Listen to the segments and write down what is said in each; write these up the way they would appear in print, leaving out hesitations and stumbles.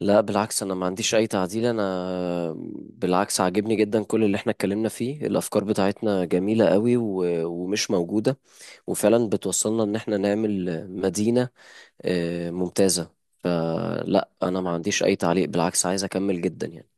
لا، بالعكس، انا ما عنديش اي تعديل. انا بالعكس عاجبني جدا كل اللي احنا اتكلمنا فيه. الافكار بتاعتنا جميلة قوي ومش موجودة، وفعلا بتوصلنا ان احنا نعمل مدينة ممتازة. فلا، انا ما عنديش اي تعليق، بالعكس عايز اكمل جدا يعني.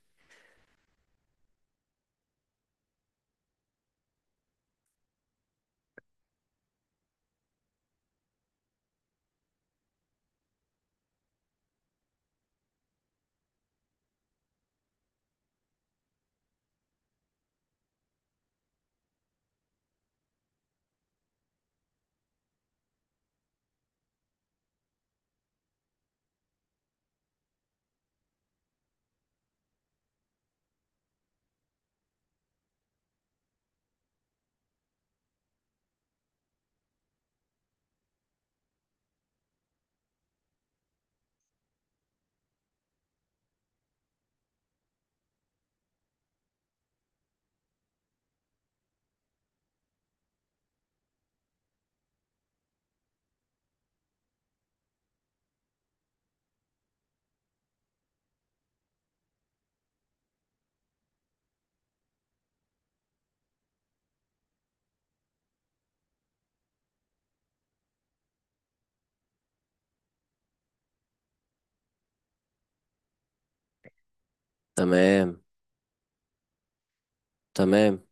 تمام، تمام.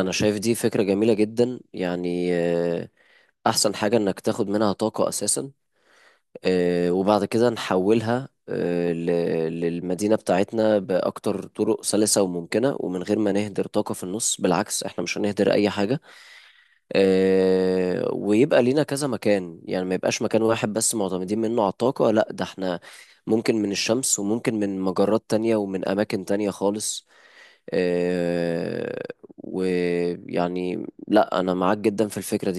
انا شايف دي فكرة جميلة جدا، يعني احسن حاجة انك تاخد منها طاقة اساسا، وبعد كده نحولها للمدينة بتاعتنا بأكتر طرق سلسة وممكنة، ومن غير ما نهدر طاقة في النص. بالعكس، احنا مش هنهدر أي حاجة. ويبقى لينا كذا مكان، يعني ما يبقاش مكان واحد بس معتمدين منه على الطاقة. لا، ده احنا ممكن من الشمس، وممكن من مجرات تانية ومن أماكن تانية خالص. آه، ويعني لا، أنا معاك جدا في الفكرة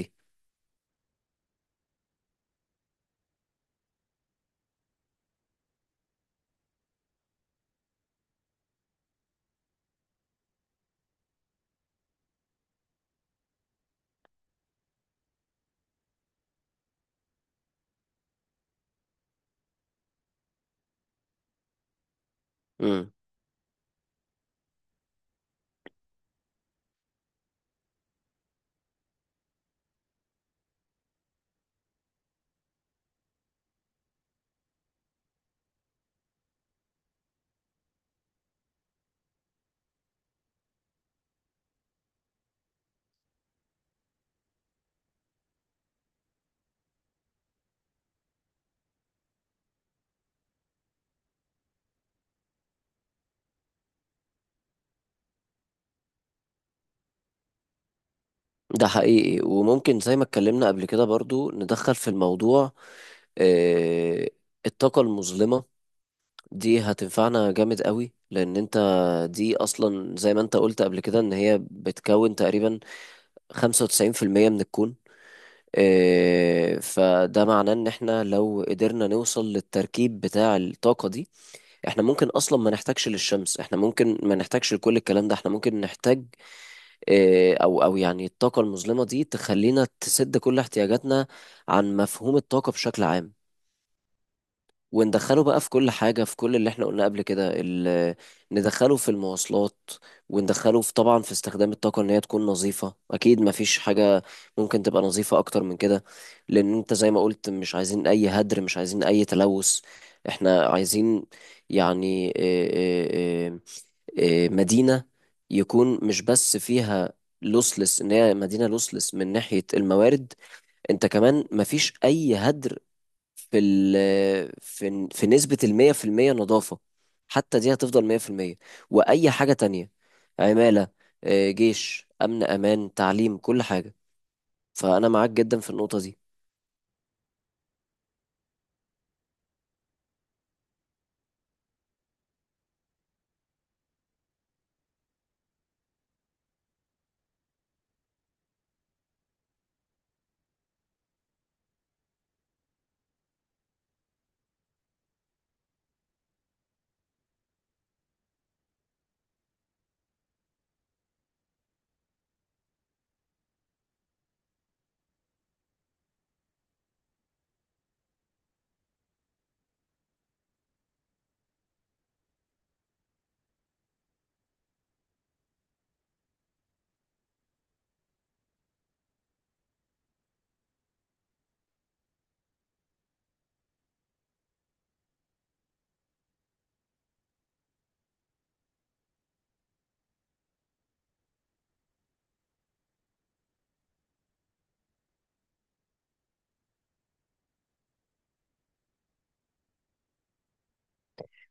دي. ده حقيقي، وممكن زي ما اتكلمنا قبل كده برضو ندخل في الموضوع، آه، الطاقة المظلمة. دي هتنفعنا جامد قوي، لأن أنت دي أصلا زي ما أنت قلت قبل كده إن هي بتكون تقريبا 95% من الكون. فده معناه إن إحنا لو قدرنا نوصل للتركيب بتاع الطاقة دي، إحنا ممكن أصلا ما نحتاجش للشمس. إحنا ممكن ما نحتاجش لكل الكلام ده. إحنا ممكن نحتاج إيه، او يعني الطاقه المظلمه دي تخلينا تسد كل احتياجاتنا عن مفهوم الطاقه بشكل عام. وندخله بقى في كل حاجه، في كل اللي احنا قلنا قبل كده. ندخله في المواصلات، وندخله في طبعا في استخدام الطاقه. ان هي تكون نظيفه، اكيد مفيش حاجه ممكن تبقى نظيفه اكتر من كده، لان انت زي ما قلت مش عايزين اي هدر، مش عايزين اي تلوث. احنا عايزين يعني مدينة يكون مش بس فيها لوسلس ان هي مدينة لوسلس من ناحية الموارد. انت كمان مفيش اي هدر في ال آه، في في نسبة المية في المية نظافة. حتى دي هتفضل مية في المية. واي حاجة تانية، عمالة، جيش، امن، امان، تعليم، كل حاجة. فانا معاك جدا في النقطة دي.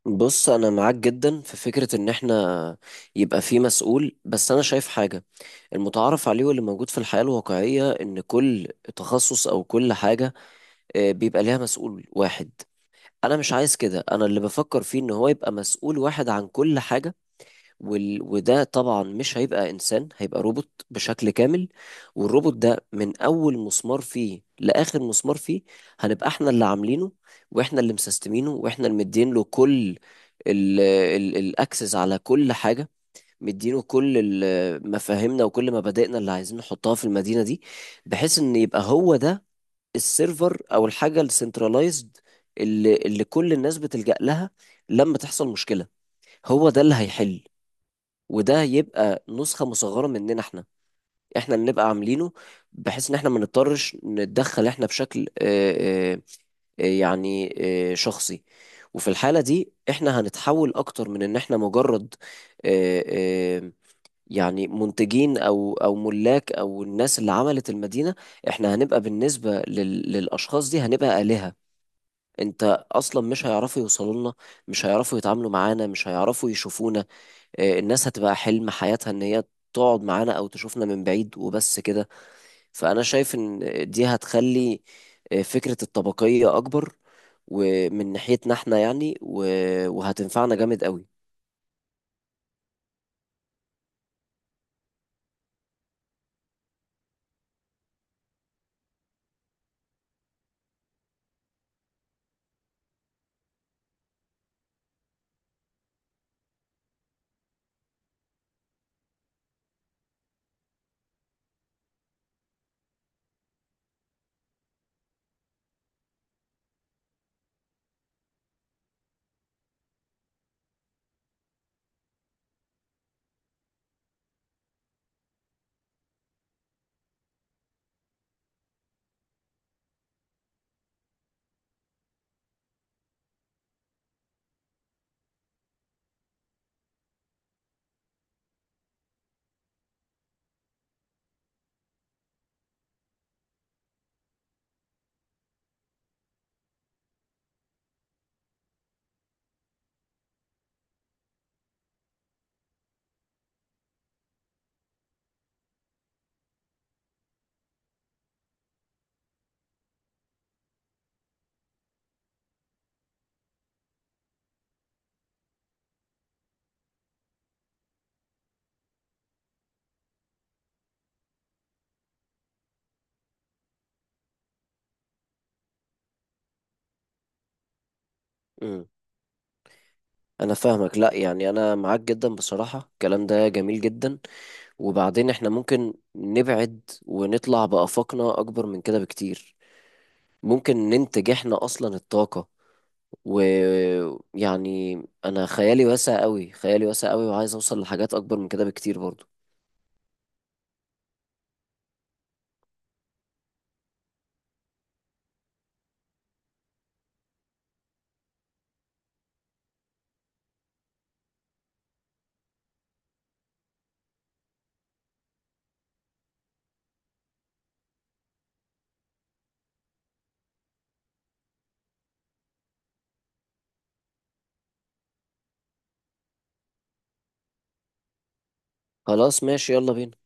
بص، انا معاك جدا في فكرة ان احنا يبقى في مسؤول، بس انا شايف حاجة. المتعارف عليه واللي موجود في الحياة الواقعية ان كل تخصص او كل حاجة بيبقى ليها مسؤول واحد. انا مش عايز كده، انا اللي بفكر فيه ان هو يبقى مسؤول واحد عن كل حاجة. وده طبعا مش هيبقى انسان، هيبقى روبوت بشكل كامل. والروبوت ده من اول مسمار فيه لاخر مسمار فيه هنبقى احنا اللي عاملينه، واحنا اللي مسستمينه، واحنا اللي مدين له كل الاكسس على كل حاجه. مدينه كل مفاهيمنا وكل مبادئنا اللي عايزين نحطها في المدينه دي، بحيث ان يبقى هو ده السيرفر او الحاجه السنترلايزد اللي كل الناس بتلجأ لها لما تحصل مشكله. هو ده اللي هيحل. وده يبقى نسخة مصغرة مننا احنا، احنا اللي نبقى عاملينه، بحيث ان احنا ما نضطرش نتدخل احنا بشكل آه، يعني شخصي. وفي الحالة دي احنا هنتحول اكتر من ان احنا مجرد آه، آه، يعني منتجين او ملاك او الناس اللي عملت المدينة. احنا هنبقى بالنسبة للاشخاص دي هنبقى آلهة. انت اصلا مش هيعرفوا يوصلوا لنا، مش هيعرفوا يتعاملوا معانا، مش هيعرفوا يشوفونا. الناس هتبقى حلم حياتها ان هي تقعد معانا او تشوفنا من بعيد وبس كده. فانا شايف ان دي هتخلي فكرة الطبقية اكبر، ومن ناحيتنا احنا يعني وهتنفعنا جامد قوي. مم. انا فاهمك. لا، يعني انا معاك جدا بصراحة، الكلام ده جميل جدا. وبعدين احنا ممكن نبعد ونطلع بآفاقنا اكبر من كده بكتير. ممكن ننتج احنا اصلا الطاقة. ويعني انا خيالي واسع قوي، خيالي واسع قوي، وعايز اوصل لحاجات اكبر من كده بكتير برضو. خلاص ماشي، يلا بينا.